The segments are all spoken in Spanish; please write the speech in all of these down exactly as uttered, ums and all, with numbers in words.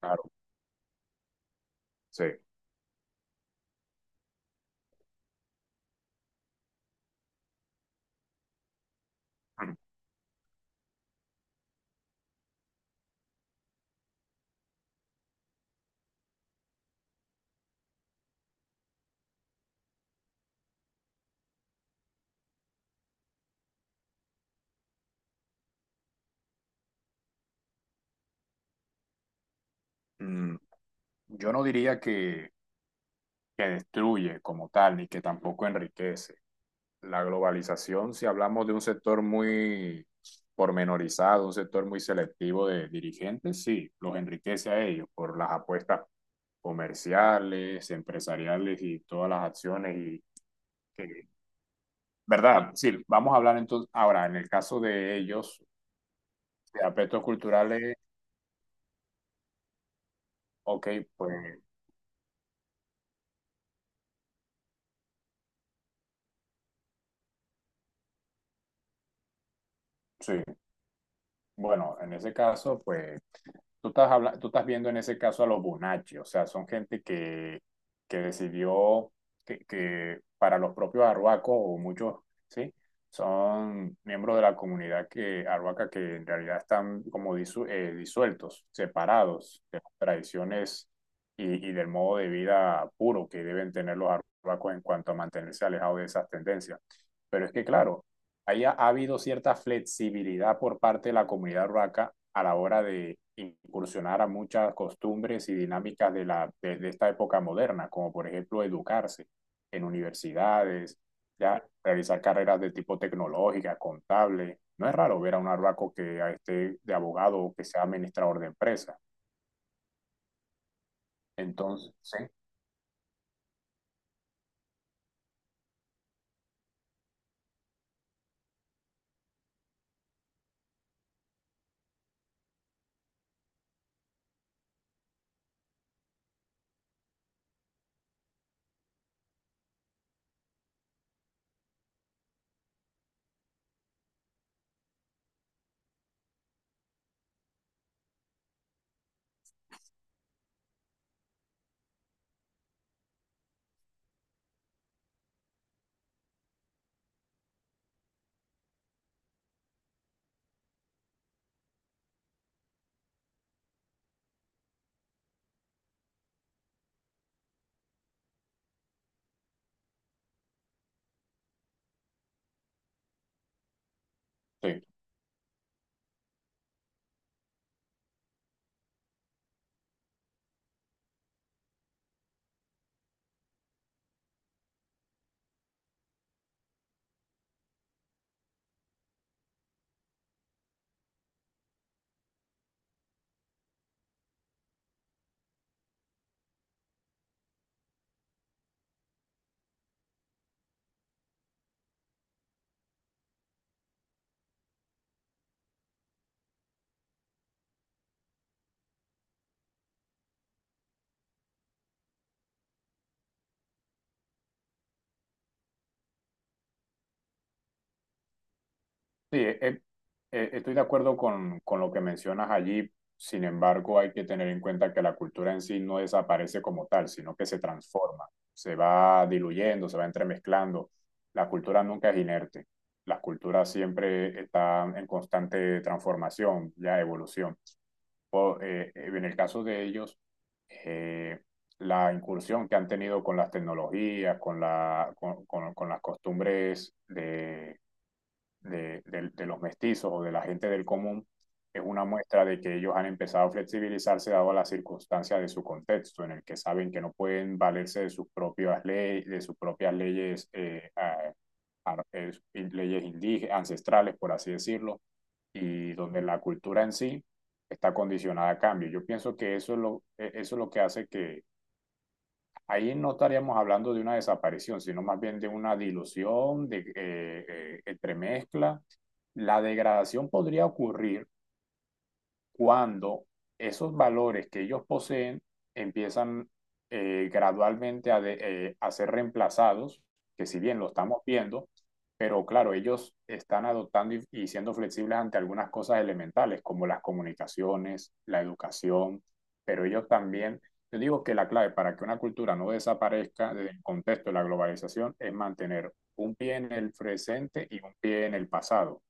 Claro, sí. Mm, mm, Yo no diría que, que destruye como tal, ni que tampoco enriquece. La globalización, si hablamos de un sector muy pormenorizado, un sector muy selectivo de dirigentes, sí, los enriquece a ellos por las apuestas comerciales, empresariales y todas las acciones y que- ¿verdad? Sí, vamos a hablar entonces ahora en el caso de ellos, de aspectos culturales, ok, pues sí, bueno, en ese caso, pues tú estás, habla- tú estás viendo en ese caso a los Bonacci, o sea, son gente que, que decidió que, que para los propios arhuacos o muchos, ¿sí? Son miembros de la comunidad que, arhuaca que en realidad están como disu- eh, disueltos, separados de las tradiciones y, y del modo de vida puro que deben tener los arhuacos en cuanto a mantenerse alejados de esas tendencias. Pero es que, claro, haya ha habido cierta flexibilidad por parte de la comunidad urbaca a la hora de incursionar a muchas costumbres y dinámicas de, la, de, de esta época moderna, como por ejemplo educarse en universidades, ya, realizar carreras de tipo tecnológica, contable. No es raro ver a un arbaco que esté de abogado o que sea administrador de empresa. Entonces, sí. Sí. Sí, eh, eh, eh, estoy de acuerdo con, con lo que mencionas allí. Sin embargo, hay que tener en cuenta que la cultura en sí no desaparece como tal, sino que se transforma, se va diluyendo, se va entremezclando. La cultura nunca es inerte. La cultura siempre está en constante transformación, ya evolución. Po- eh, eh, en el caso de ellos, eh, la incursión que han tenido con las tecnologías, con la, con, con- con las costumbres de, de, de los mestizos o de la gente del común es una muestra de que ellos han empezado a flexibilizarse dado a las circunstancias de su contexto, en el que saben que no pueden valerse de sus propias leyes, de sus propias leyes, eh, a, a, eh, leyes indígenas, ancestrales, por así decirlo, y donde la cultura en sí está condicionada a cambio. Yo pienso que eso es lo, e, eso es lo que hace que, ahí no estaríamos hablando de una desaparición, sino más bien de una dilución, de eh, eh, entremezcla. La degradación podría ocurrir cuando esos valores que ellos poseen empiezan eh, gradualmente a, de- eh, a ser reemplazados, que si bien lo estamos viendo, pero claro, ellos están adoptando y, y siendo flexibles ante algunas cosas elementales, como las comunicaciones, la educación, pero ellos también, yo digo que la clave para que una cultura no desaparezca del contexto de la globalización es mantener un pie en el presente y un pie en el pasado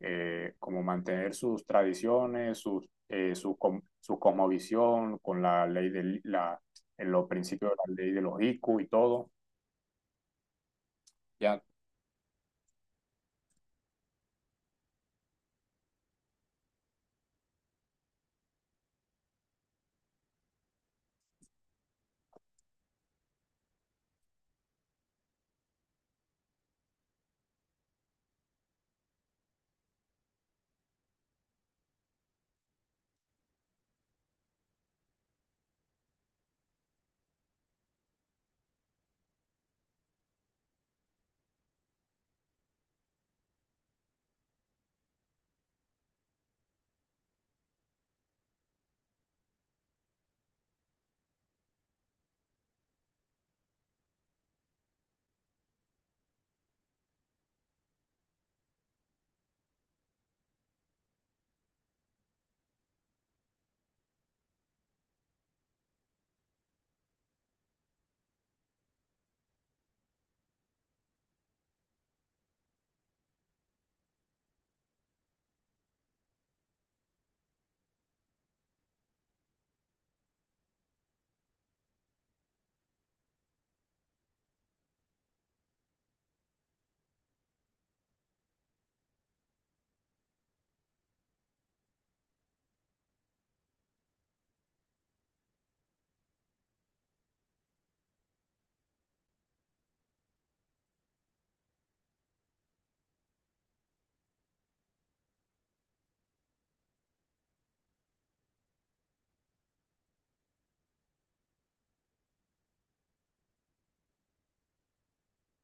eh, como mantener sus tradiciones, sus, eh, su, com- su cosmovisión con la ley de la, en los principios de la ley de los I C U y todo, ¿ya?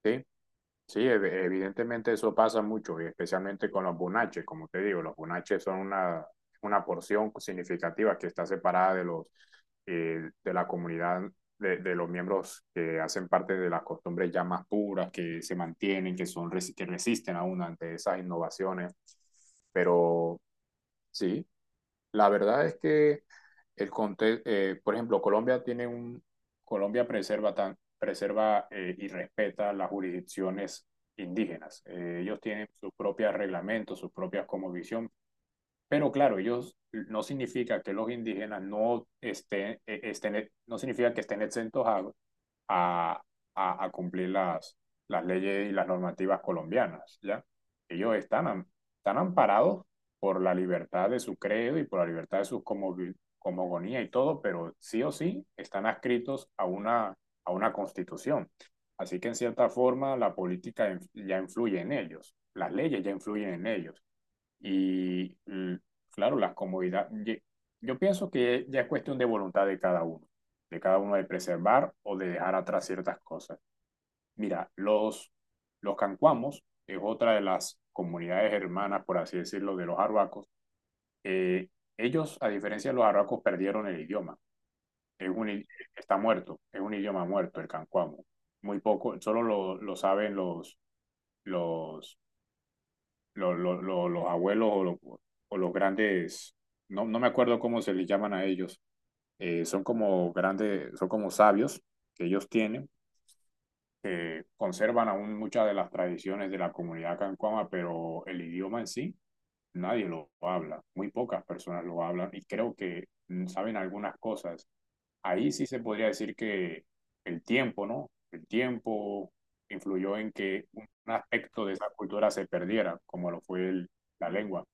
¿sí? Sí, ev- evidentemente eso pasa mucho, y especialmente con los bunaches, como te digo, los bunaches son una, una porción significativa que está separada de los eh, de la comunidad, de, de los miembros que hacen parte de las costumbres ya más puras, que se mantienen, que son resi- que resisten aún ante esas innovaciones. Pero sí, la verdad es que el conte- eh, por ejemplo, Colombia tiene un, Colombia preserva tan, preserva eh, y respeta las jurisdicciones indígenas. Eh, ellos tienen sus propios reglamentos, sus propias cosmovisión, pero claro, ellos no significa que los indígenas no estén, eh, estén no significa que estén exentos a, a, a, a cumplir las, las leyes y las normativas colombianas, ¿ya? Ellos están, am- están amparados por la libertad de su credo y por la libertad de su conmovi- cosmogonía y todo, pero sí o sí están adscritos a una, a una constitución. Así que en cierta forma la política inf- ya influye en ellos, las leyes ya influyen en ellos. Y mm, claro, las comodidades, yo, yo pienso que ya es cuestión de voluntad de cada uno, de cada uno de preservar o de dejar atrás ciertas cosas. Mira, los, los cancuamos es otra de las comunidades hermanas, por así decirlo, de los arhuacos. Eh, ellos, a diferencia de los arhuacos, perdieron el idioma. Es un i- está muerto, es un idioma muerto el cancuamo. Muy poco, solo lo, lo saben los, los lo- lo- lo- los abuelos o los, o los grandes, no, no me acuerdo cómo se les llaman a ellos, eh, son como grandes, son como sabios que ellos tienen, que conservan aún muchas de las tradiciones de la comunidad cancuama, pero el idioma en sí, nadie lo habla, muy pocas personas lo hablan y creo que mm, saben algunas cosas. Ahí sí se podría decir que el tiempo, ¿no? El tiempo influyó en que un aspecto de esa cultura se perdiera, como lo fue el- la lengua.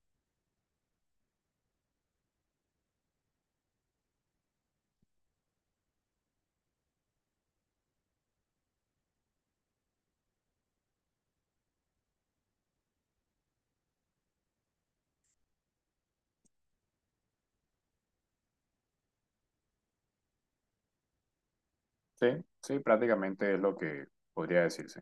Sí, sí, prácticamente es lo que podría decirse.